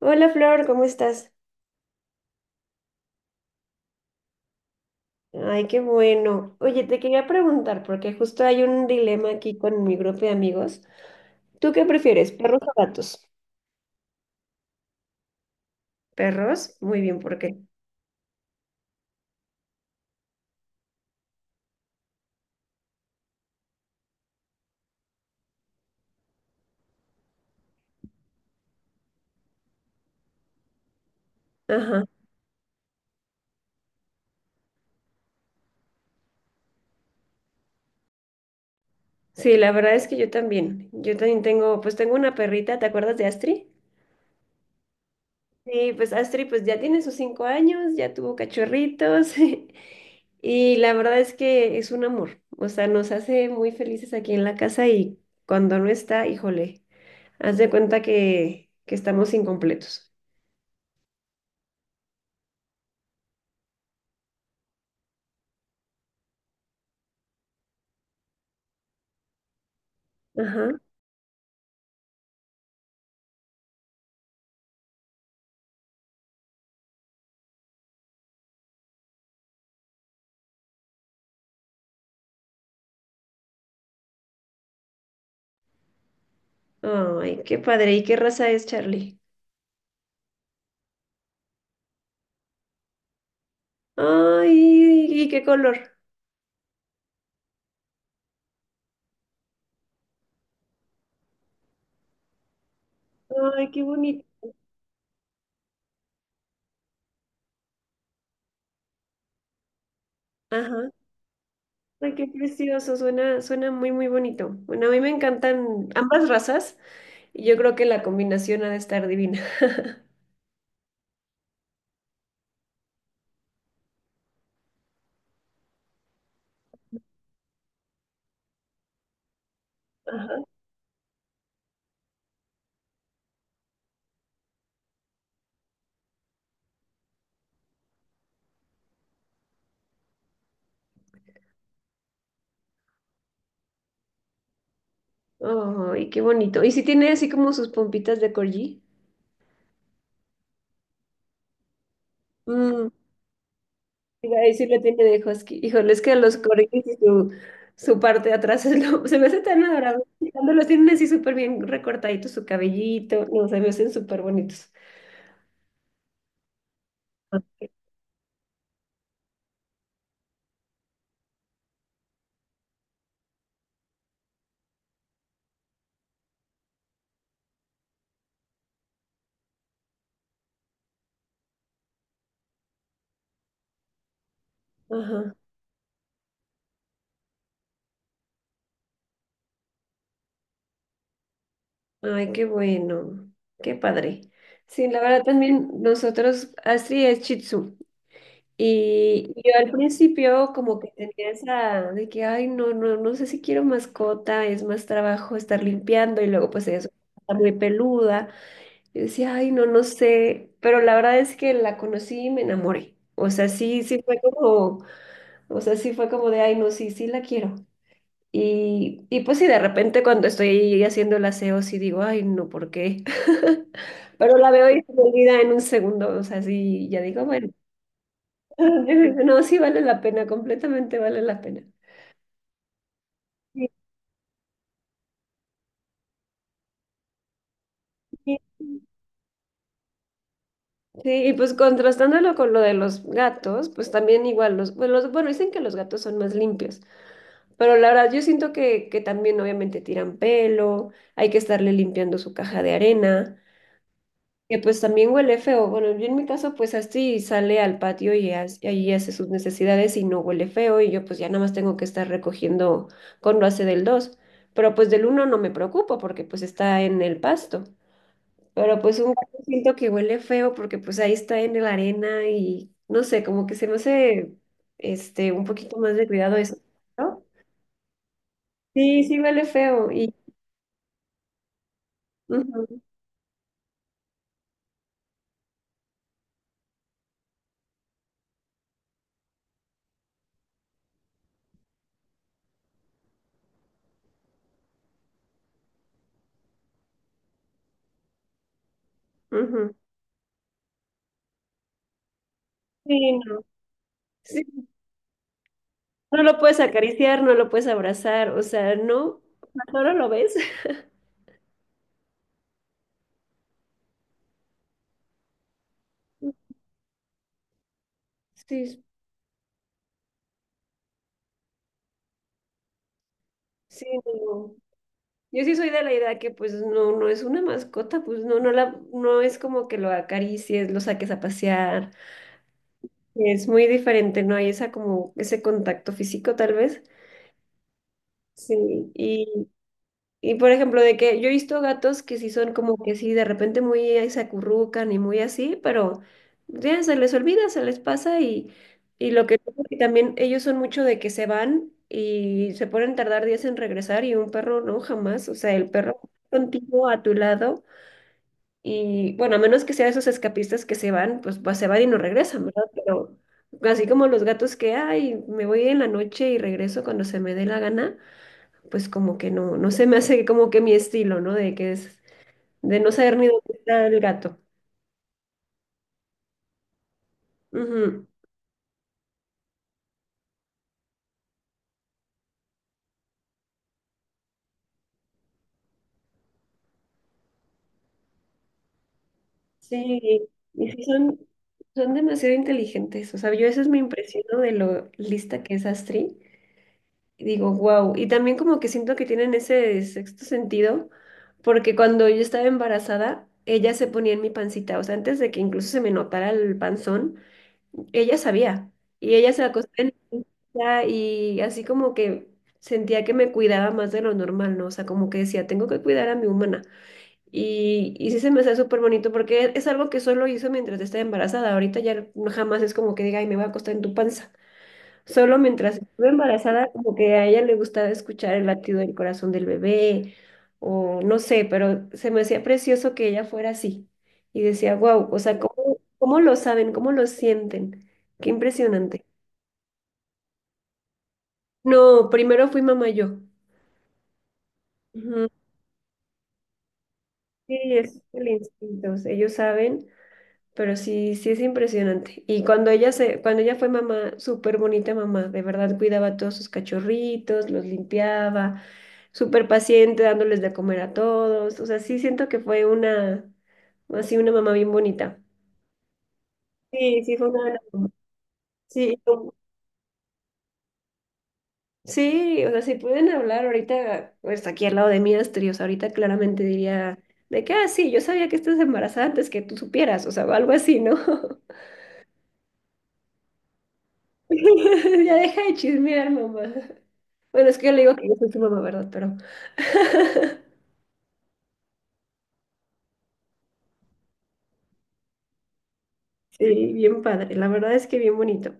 Hola Flor, ¿cómo estás? Ay, qué bueno. Oye, te quería preguntar, porque justo hay un dilema aquí con mi grupo de amigos. ¿Tú qué prefieres, perros o gatos? ¿Perros? Muy bien, ¿por qué? Ajá. Sí, la verdad es que yo también. Yo también tengo, pues tengo una perrita, ¿te acuerdas de Astri? Sí, pues Astri pues ya tiene sus 5 años, ya tuvo cachorritos y la verdad es que es un amor. O sea, nos hace muy felices aquí en la casa y cuando no está, híjole. Haz de cuenta que estamos incompletos. Ajá. Ay, qué padre. ¿Y qué raza es Charlie? Ay, ¿y qué color? Ay, qué bonito. Ajá. Ay, qué precioso. Suena muy, muy bonito. Bueno, a mí me encantan ambas razas y yo creo que la combinación ha de estar divina. Ajá. Ay, qué bonito. ¿Y si tiene así como sus pompitas de corgi? Mm. Iba sí lo tiene de Husky. Híjole, es que los corgis y su parte de atrás se me hace tan adorable. Cuando los tienen así súper bien recortaditos, su cabellito, no, se me hacen súper bonitos. Ajá. Ay, qué bueno. Qué padre. Sí, la verdad también nosotros, Astrid es Shih Tzu. Y yo al principio como que tenía esa de que, ay, no, no, no sé si quiero mascota, es más trabajo estar limpiando y luego pues está muy peluda. Yo decía, ay, no, no sé, pero la verdad es que la conocí y me enamoré. O sea, sí, sí fue como, o sea, sí fue como de, ay, no, sí, sí la quiero. Y pues sí, de repente cuando estoy haciendo el aseo, sí digo, ay, no, ¿por qué? Pero la veo y se me olvida en un segundo, o sea, sí, ya digo, bueno, no, sí vale la pena, completamente vale la pena. Sí, sí, y pues contrastándolo con lo de los gatos, pues también igual los, pues, bueno, dicen que los gatos son más limpios. Pero la verdad, yo siento que también obviamente tiran pelo, hay que estarle limpiando su caja de arena, que pues también huele feo. Bueno, yo en mi caso pues así sale al patio y y allí hace sus necesidades y no huele feo y yo pues ya nada más tengo que estar recogiendo cuando hace del dos. Pero pues del uno no me preocupo porque pues está en el pasto. Pero pues un gato siento que huele feo porque pues ahí está en la arena y no sé, como que se me hace este un poquito más de cuidado eso, ¿no? Sí, sí huele feo. Y ujú, ujú. Sí, no. Sí. No lo puedes acariciar, no lo puedes abrazar, o sea, no, ahora lo ves. Sí, sí, no. Yo sí soy de la idea que pues no, no es una mascota, pues no, no es como que lo acaricies, lo saques a pasear. Es muy diferente, no hay esa como ese contacto físico tal vez. Sí, y por ejemplo, de que yo he visto gatos que sí son como que sí, de repente muy ahí se acurrucan y muy así, pero ya se les olvida, se les pasa y lo que también ellos son mucho de que se van y se pueden tardar días en regresar y un perro no, jamás, o sea, el perro contigo a tu lado y bueno, a menos que sea esos escapistas que se van, pues se van y no regresan, ¿verdad? Pero así como los gatos que, ay, me voy en la noche y regreso cuando se me dé la gana pues como que no, no se me hace como que mi estilo, ¿no? De no saber ni dónde está el gato. Ujú. Sí, y sí son demasiado inteligentes. O sea, yo eso es mi impresión de lo lista que es Astrid. Y digo, wow. Y también como que siento que tienen ese sexto sentido, porque cuando yo estaba embarazada, ella se ponía en mi pancita. O sea, antes de que incluso se me notara el panzón, ella sabía y ella se acostó en mi silla y así como que sentía que me cuidaba más de lo normal, ¿no? O sea, como que decía, tengo que cuidar a mi humana. Y sí se me hace súper bonito porque es algo que solo hizo mientras estaba embarazada. Ahorita ya jamás es como que diga, ay, me voy a acostar en tu panza. Solo mientras estuve embarazada, como que a ella le gustaba escuchar el latido del corazón del bebé, o no sé, pero se me hacía precioso que ella fuera así. Y decía, wow, o sea, ¿cómo lo saben? ¿Cómo lo sienten? Qué impresionante. No, primero fui mamá yo. Ujú. Sí, es el instinto. O sea, ellos saben. Pero sí, sí es impresionante. Y cuando ella fue mamá, súper bonita mamá, de verdad cuidaba a todos sus cachorritos, los limpiaba, súper paciente, dándoles de comer a todos. O sea, sí siento que fue así una mamá bien bonita. Sí, sí, fue una buena mamá. Sí, sí, o sea, si pueden hablar ahorita, pues aquí al lado de mí, Asturias, ahorita claramente diría de que, ah, sí, yo sabía que estás embarazada antes que tú supieras, o sea, o algo así, ¿no? Ya deja de chismear, mamá. Bueno, es que yo le digo que yo soy su mamá, ¿verdad? Pero sí, bien padre. La verdad es que bien bonito.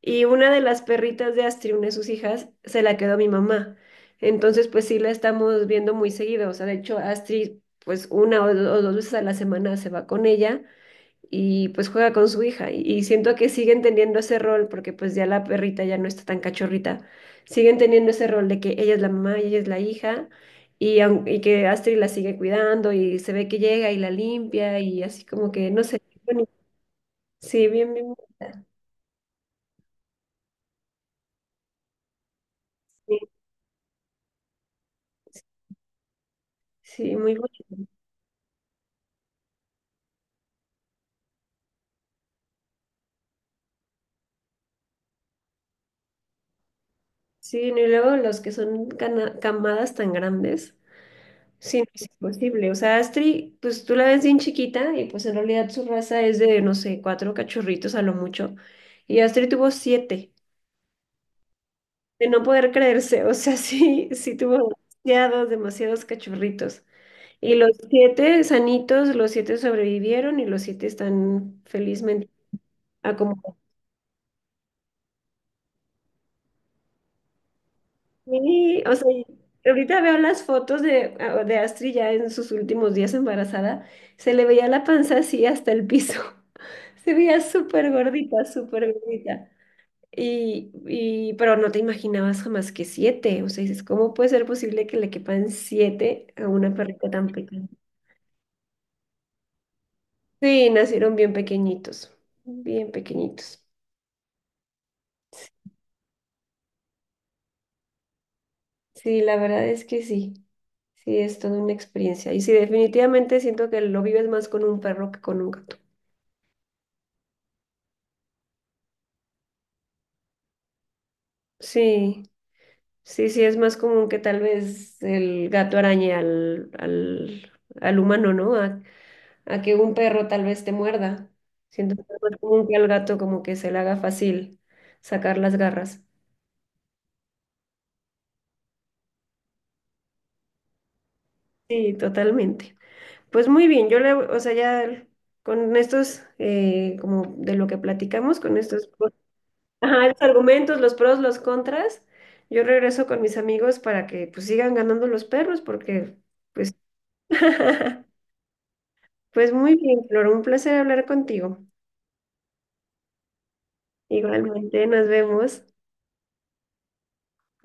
Y una de las perritas de Astrid, una de sus hijas, se la quedó mi mamá. Entonces, pues sí la estamos viendo muy seguido. O sea, de hecho, Astrid, pues una o o dos veces a la semana se va con ella. Y pues juega con su hija. Y siento que siguen teniendo ese rol, porque pues ya la perrita ya no está tan cachorrita, siguen teniendo ese rol de que ella es la mamá y ella es la hija, y, y que Astrid la sigue cuidando y se ve que llega y la limpia y así como que, no sé, bonito. Sí, bien, bien, bonita. Sí, sí, sí, muy bonito. Sí, no, y luego los que son camadas tan grandes. Sí, no es imposible. O sea, Astrid, pues tú la ves bien chiquita y pues en realidad su raza es de, no sé, cuatro cachorritos a lo mucho. Y Astrid tuvo siete, de no poder creerse. O sea, sí, sí tuvo demasiados, demasiados cachorritos. Y los siete sanitos, los siete sobrevivieron y los siete están felizmente acomodados. Sí, o sea, ahorita veo las fotos de Astrid ya en sus últimos días embarazada, se le veía la panza así hasta el piso. Se veía súper gordita, súper gordita. Pero no te imaginabas jamás que siete. O sea, dices, ¿cómo puede ser posible que le quepan siete a una perrita tan pequeña? Sí, nacieron bien pequeñitos, bien pequeñitos. Sí, la verdad es que sí. Sí, es toda una experiencia. Y sí, definitivamente siento que lo vives más con un perro que con un gato. Sí, sí, sí, es más común que tal vez el gato arañe al humano, ¿no? A que un perro tal vez te muerda. Siento que es más común que al gato como que se le haga fácil sacar las garras. Sí, totalmente. Pues muy bien, yo le, o sea, ya con estos, como de lo que platicamos, con estos, pues, ajá, los argumentos, los pros, los contras, yo regreso con mis amigos para que pues sigan ganando los perros porque, pues... Pues muy bien, Flor, un placer hablar contigo. Igualmente, nos vemos.